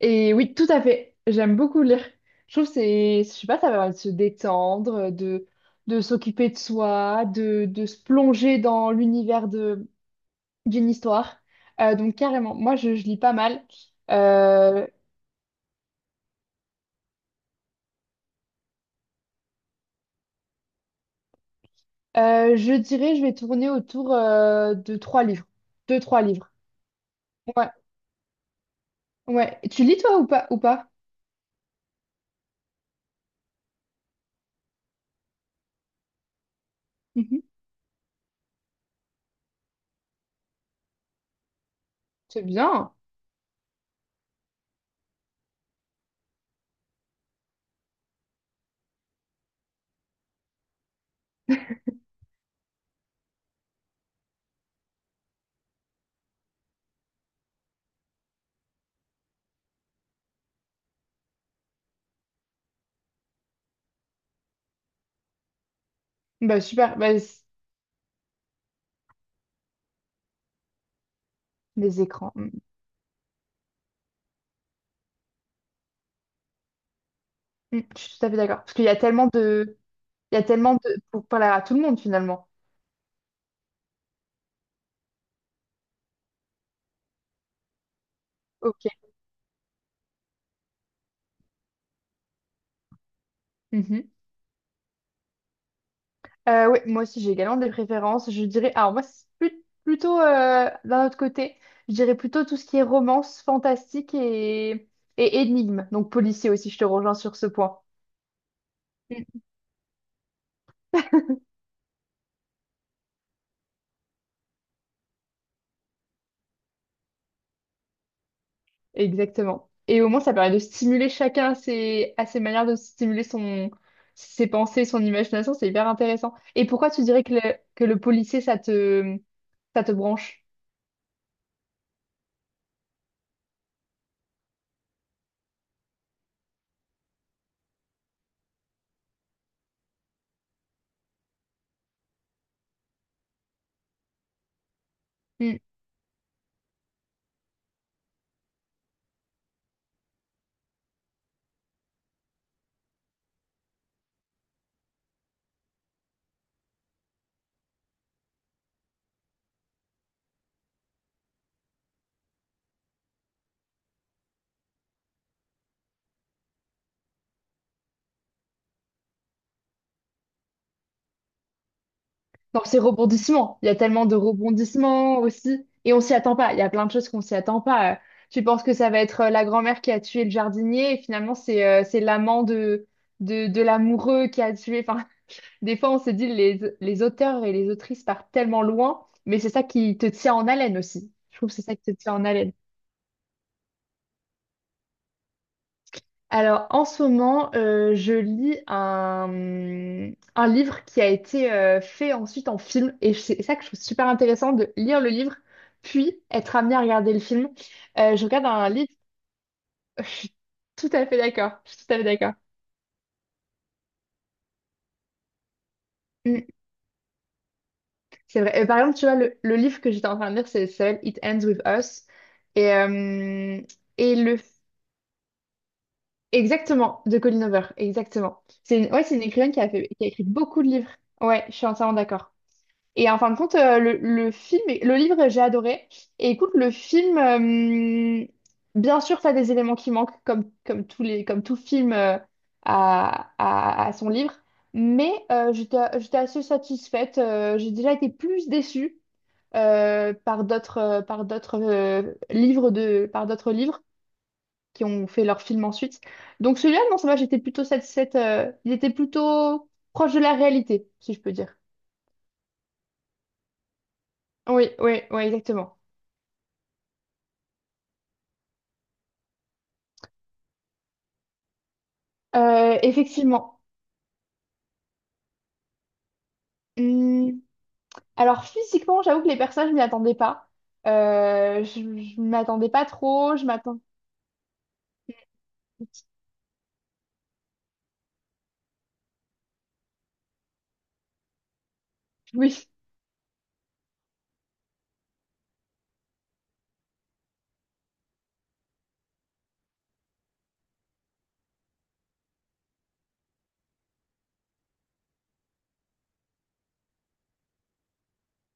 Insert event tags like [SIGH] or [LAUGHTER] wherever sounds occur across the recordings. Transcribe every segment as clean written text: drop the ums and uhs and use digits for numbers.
Et oui, tout à fait. J'aime beaucoup lire. Je trouve que c'est, je sais pas, ça va de se détendre, de s'occuper de soi, de se plonger dans l'univers de, d'une histoire. Donc carrément, moi je lis pas mal. Euh, je dirais, je vais tourner autour de trois livres. Deux, trois livres. Ouais, ouais. Et tu lis toi ou pas, ou pas? Mhm. C'est bien. Bah super. Bah, c- les écrans. Mm, mm, je suis tout à fait d'accord. Parce qu'il y a tellement de, il y a tellement de pour parler à tout le monde finalement. Ok. Mhm. Oui, moi aussi j'ai également des préférences. Je dirais, alors moi c'est plus- plutôt d'un autre côté, je dirais plutôt tout ce qui est romance, fantastique et énigme, donc policier aussi, je te rejoins sur ce point. Mm. Exactement. Et au moins ça permet de stimuler chacun à ses manières de stimuler son, ses pensées, son imagination, c'est hyper intéressant. Et pourquoi tu dirais que le policier ça te branche? Dans ces rebondissements, il y a tellement de rebondissements aussi. Et on s'y attend pas. Il y a plein de choses qu'on s'y attend pas. Tu penses que ça va être la grand-mère qui a tué le jardinier et finalement c'est l'amant de, de l'amoureux qui a tué. Enfin, [LAUGHS] des fois on se dit les auteurs et les autrices partent tellement loin, mais c'est ça qui te tient en haleine aussi. Je trouve que c'est ça qui te tient en haleine. Alors, en ce moment, je lis un livre qui a été fait ensuite en film. Et c'est ça que je trouve super intéressant de lire le livre, puis être amené à regarder le film. Je regarde un livre, [LAUGHS] je suis tout à fait d'accord. Je suis tout à fait d'accord. Mm, c'est vrai. Et par exemple, tu vois, le livre que j'étais en train de lire, c'est seul, It Ends With Us. Et, euh, et le... Exactement, de Colleen Hoover. Exactement. C'est une... Ouais, c'est une écrivaine qui a fait... qui a écrit beaucoup de livres. Ouais, je suis entièrement d'accord. Et en fin de compte, le film, est- le livre, j'ai adoré. Et écoute, le film, bien sûr, t'as des éléments qui manquent, comme, comme tous les, comme tout film à, à son livre. Mais j'étais, j'étais assez satisfaite. J'ai déjà été plus déçue par d'autres, par d'autres livres de, par d'autres livres qui ont fait leur film ensuite. Donc celui-là, non, ça va, j'étais plutôt satisfaite. Il était plutôt proche de la réalité, si je peux dire. Oui, oui, oui, exactement. Effectivement. Hmm. Alors physiquement, j'avoue que les personnes je m'y attendais pas. Je ne m'attendais pas trop. Je m'attends. Oui,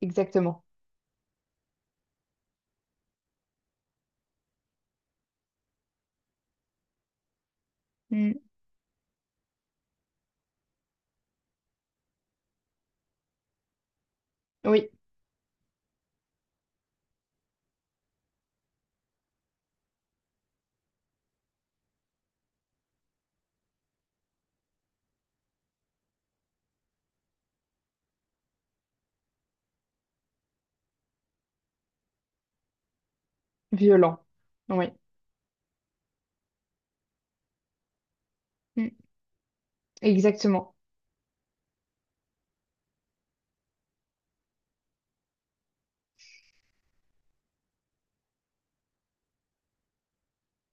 exactement. Hmm. Oui, violent. Oui, hmm. Exactement.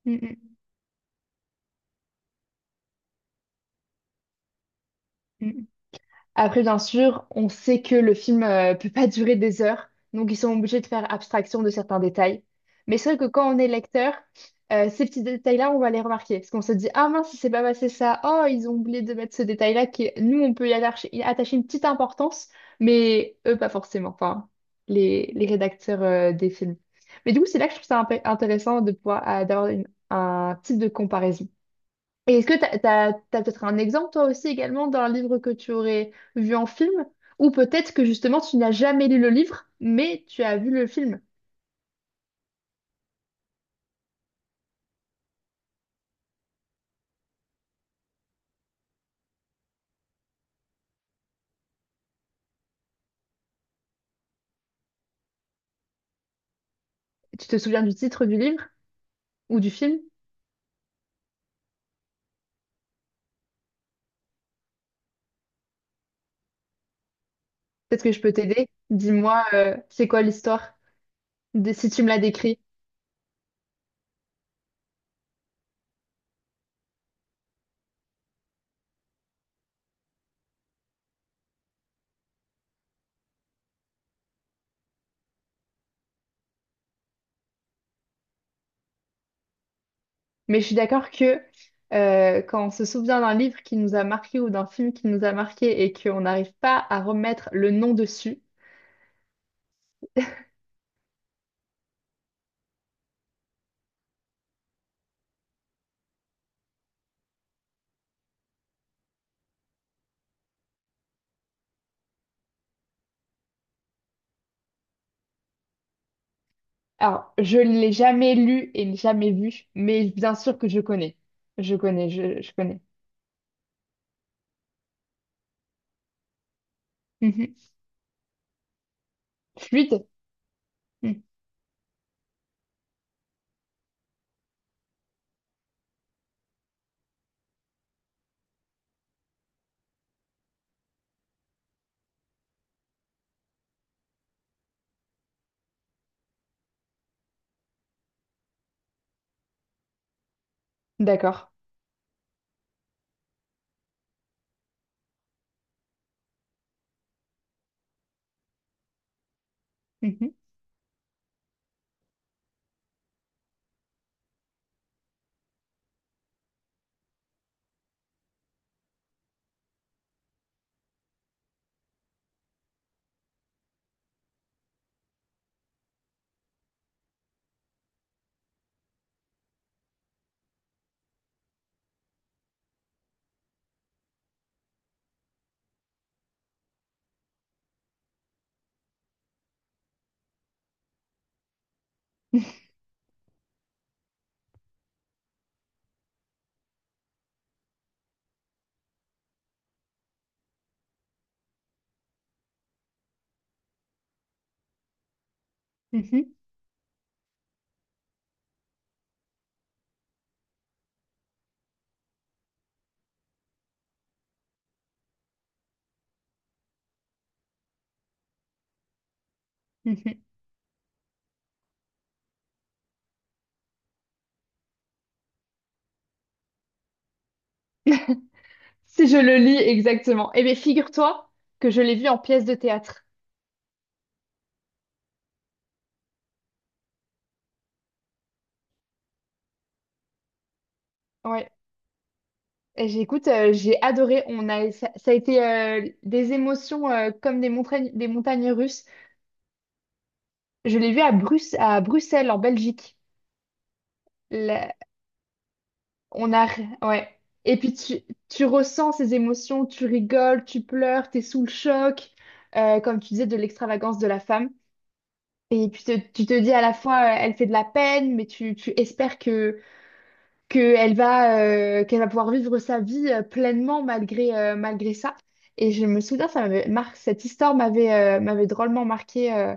Hmm, hmm, hmm. Après, bien sûr, on sait que le film peut pas durer des heures, donc ils sont obligés de faire abstraction de certains détails. Mais c'est vrai que quand on est lecteur, ces petits détails-là, on va les remarquer. Parce qu'on se dit, ah mince, il s'est pas passé ça. Oh, ils ont oublié de mettre ce détail-là qui, nous, on peut y attacher une petite importance, mais eux, pas forcément. Enfin, les rédacteurs des films. Mais du coup, c'est là que je trouve ça un peu intéressant de pouvoir d'avoir une- un type de comparaison. Et est-ce que t'as, t'as, t'as peut-être un exemple, toi aussi, également, d'un livre que tu aurais vu en film, ou peut-être que justement tu n'as jamais lu le livre, mais tu as vu le film. Tu te souviens du titre du livre ou du film? Peut-être que je peux t'aider. Dis-moi, c'est quoi l'histoire, de- si tu me la décris. Mais je suis d'accord que quand on se souvient d'un livre qui nous a marqué ou d'un film qui nous a marqué et qu'on n'arrive pas à remettre le nom dessus, alors, je l'ai jamais lu et jamais vu, mais bien sûr que je connais. Je connais, je connais. Mhm. Fluide? Mm. D'accord. Mhm. Mhm. Mhm. Si je le lis exactement. Eh bien, figure-toi que je l'ai vu en pièce de théâtre. Ouais. Et j'écoute, j'ai adoré. On a, ça a été des émotions comme des montagnes russes. Je l'ai vu à Bruce, à Bruxelles, en Belgique. On a, ouais. Et puis tu ressens ces émotions, tu rigoles, tu pleures, t'es sous le choc, comme tu disais, de l'extravagance de la femme. Et puis te- tu te dis à la fois, elle fait de la peine, mais tu espères que elle va, qu'elle va pouvoir vivre sa vie pleinement malgré, malgré ça. Et je me souviens, ça m'avait mar- cette histoire m'avait m'avait drôlement marqué,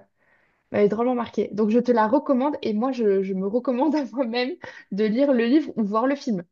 m'avait drôlement marqué. Donc je te la recommande et moi je me recommande [LAUGHS] à moi-même de lire le livre ou voir le film.